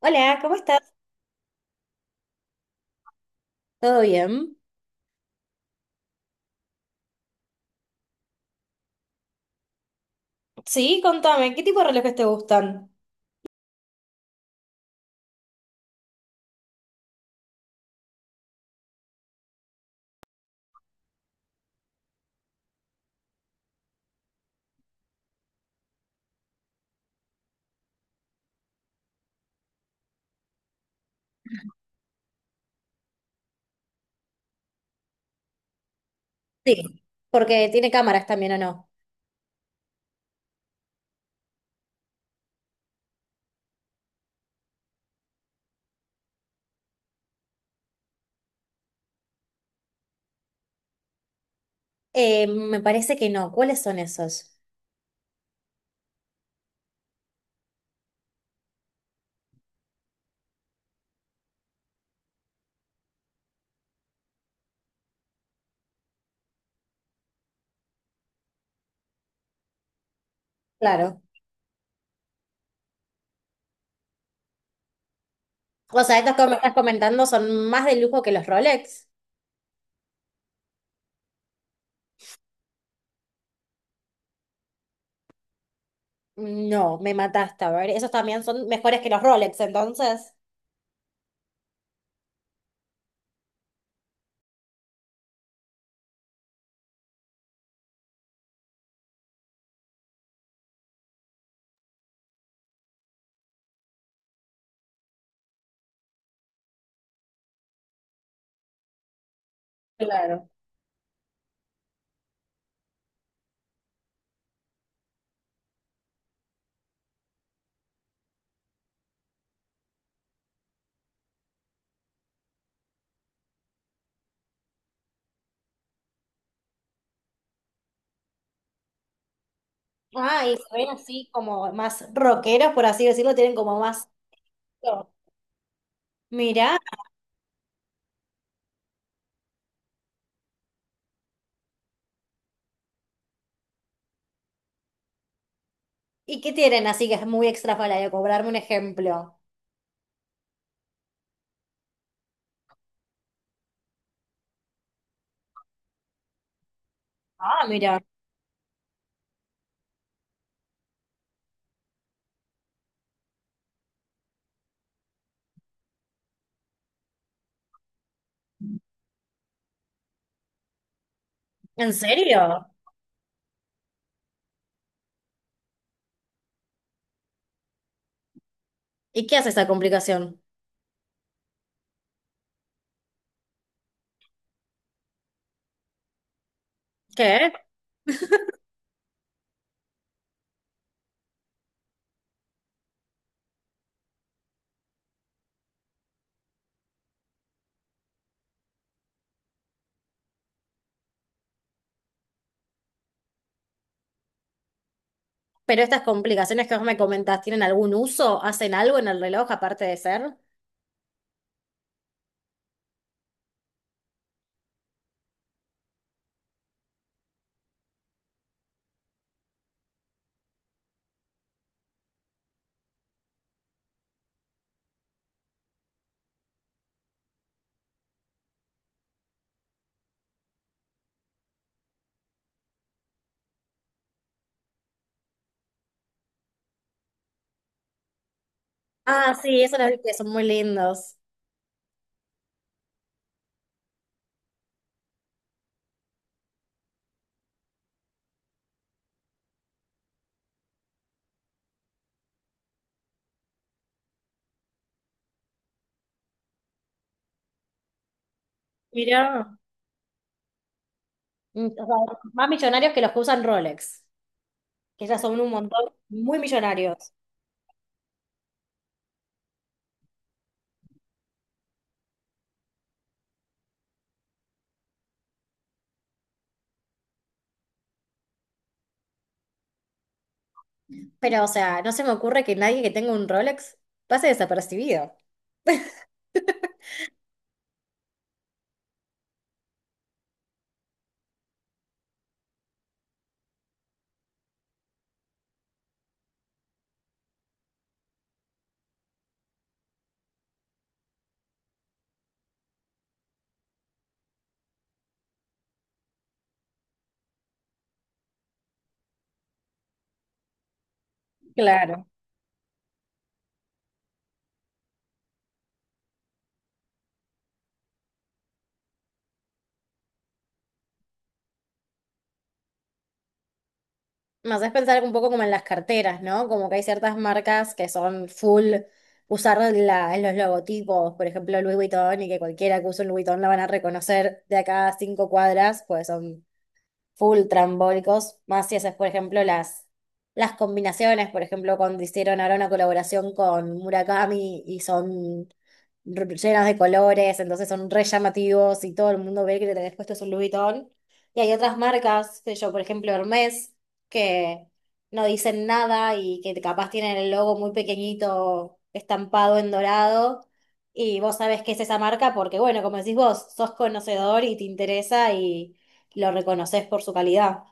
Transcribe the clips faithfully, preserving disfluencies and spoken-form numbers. Hola, ¿cómo estás? ¿Todo bien? Sí, contame, ¿qué tipo de relojes te gustan? Sí. Porque tiene cámaras también, ¿o no? Eh, me parece que no. ¿Cuáles son esos? Claro. O sea, estos que me estás comentando son más de lujo que los Rolex. No, me mataste, a ver, esos también son mejores que los Rolex, entonces. Claro. Ah, y se ven así como más rockeros, por así decirlo, tienen como más... Mira, ¿y qué tienen así que es muy extrafalario? Cobrarme un ejemplo. Ah, mira. ¿En serio? ¿Y qué hace esta complicación? ¿Qué? ¿Pero estas complicaciones que vos me comentás tienen algún uso? ¿Hacen algo en el reloj aparte de ser? Ah, sí, esos los vi que son muy lindos. Mirá. Mm, o sea, más millonarios que los que usan Rolex, que ya son un montón muy millonarios. Pero, o sea, no se me ocurre que nadie que tenga un Rolex pase desapercibido. Claro. Me haces pensar un poco como en las carteras, ¿no? Como que hay ciertas marcas que son full usar la- los logotipos, por ejemplo Louis Vuitton, y que cualquiera que use un Louis Vuitton la van a reconocer de acá a cinco cuadras, pues son full trambólicos, más si haces, por ejemplo, las, las combinaciones, por ejemplo, cuando hicieron ahora una colaboración con Murakami y son r- llenas de colores, entonces son re llamativos y todo el mundo ve que le tenés puesto es un Louis Vuitton. Y hay otras marcas, qué sé yo, por ejemplo, Hermès, que no dicen nada y que capaz tienen el logo muy pequeñito estampado en dorado. Y vos sabés qué es esa marca porque, bueno, como decís vos, sos conocedor y te interesa lo reconoces por su calidad.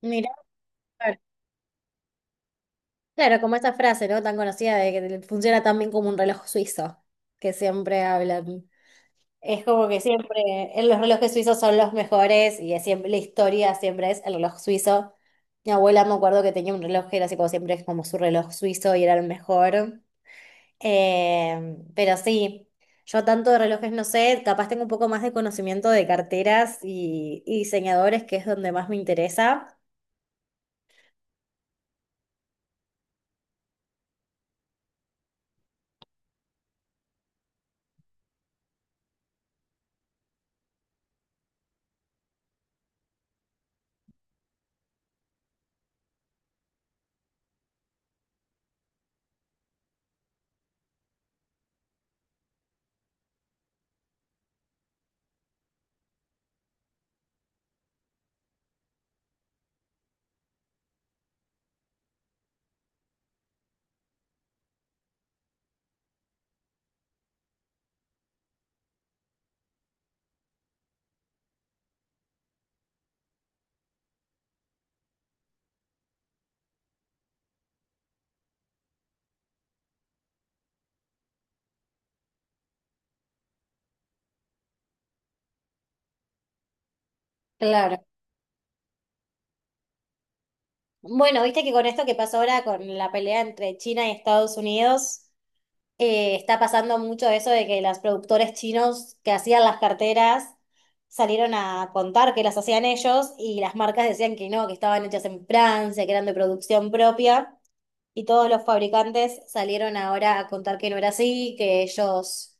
Mirá, claro. Claro, como esa frase, ¿no? Tan conocida de que funciona tan bien como un reloj suizo, que siempre hablan. Es como que siempre eh, los relojes suizos son los mejores y es siempre, la historia siempre es el reloj suizo. Mi abuela me acuerdo que tenía un reloj que era así como siempre es como su reloj suizo y era el mejor. Eh, pero sí, yo tanto de relojes no sé, capaz tengo un poco más de conocimiento de carteras y, y diseñadores, que es donde más me interesa. Claro. Bueno, viste que con esto que pasó ahora, con la pelea entre China y Estados Unidos, eh, está pasando mucho eso de que los productores chinos que hacían las carteras salieron a contar que las hacían ellos y las marcas decían que no, que estaban hechas en Francia, que eran de producción propia. Y todos los fabricantes salieron ahora a contar que no era así, que ellos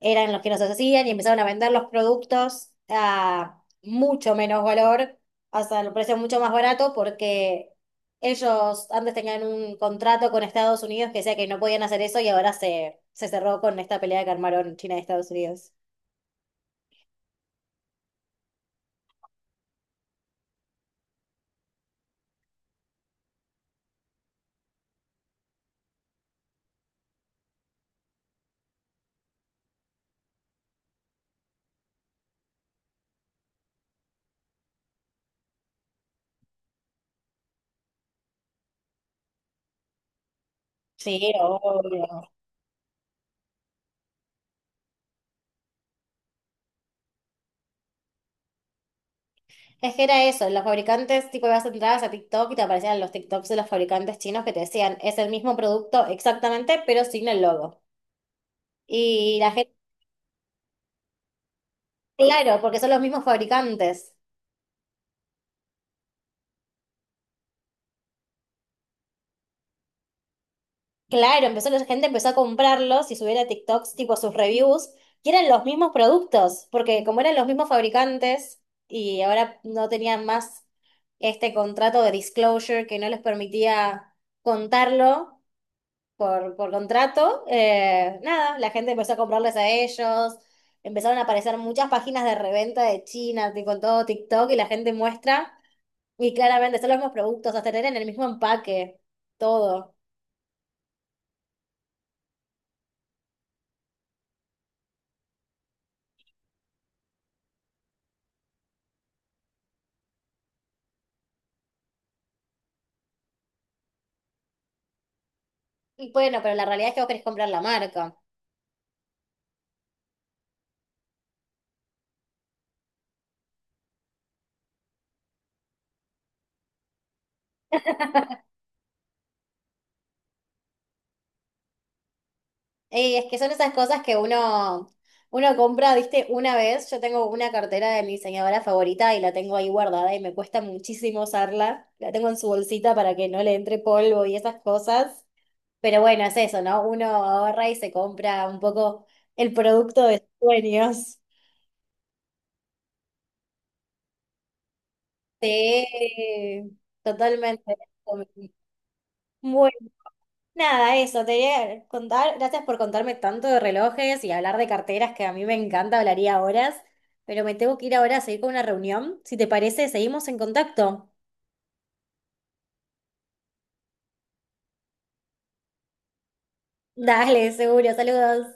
eran los que nos hacían y empezaron a vender los productos a mucho menos valor, hasta el precio mucho más barato, porque ellos antes tenían un contrato con Estados Unidos que decía que no podían hacer eso y ahora se, se cerró con esta pelea que armaron China y Estados Unidos. Sí, obvio. Es que era eso, los fabricantes, tipo, ibas entradas a TikTok y te aparecían los TikToks de los fabricantes chinos que te decían, es el mismo producto exactamente, pero sin el logo. Y la gente, claro, porque son los mismos fabricantes. Claro, empezó, la gente empezó a comprarlos y subir a TikToks, tipo, sus reviews, y eran los mismos productos, porque como eran los mismos fabricantes y ahora no tenían más este contrato de disclosure que no les permitía contarlo. Por, por contrato, eh, nada, la gente empezó a comprarles a ellos, empezaron a aparecer muchas páginas de reventa de China, con todo TikTok, y la gente muestra, y claramente son los mismos productos, hasta tener en el mismo empaque, todo. Y bueno, pero la realidad es que vos querés comprar la marca. Y es que son esas cosas que uno, uno compra, viste, una vez, yo tengo una cartera de mi diseñadora favorita y la tengo ahí guardada y me cuesta muchísimo usarla, la tengo en su bolsita para que no le entre polvo y esas cosas. Pero bueno, es eso, ¿no? Uno ahorra y se compra un poco el producto de sus sueños. Sí, totalmente. Bueno, nada, eso, te quería contar, gracias por contarme tanto de relojes y hablar de carteras que a mí me encanta, hablaría horas, pero me tengo que ir ahora a seguir con una reunión. Si te parece, seguimos en contacto. Dale, seguro, saludos.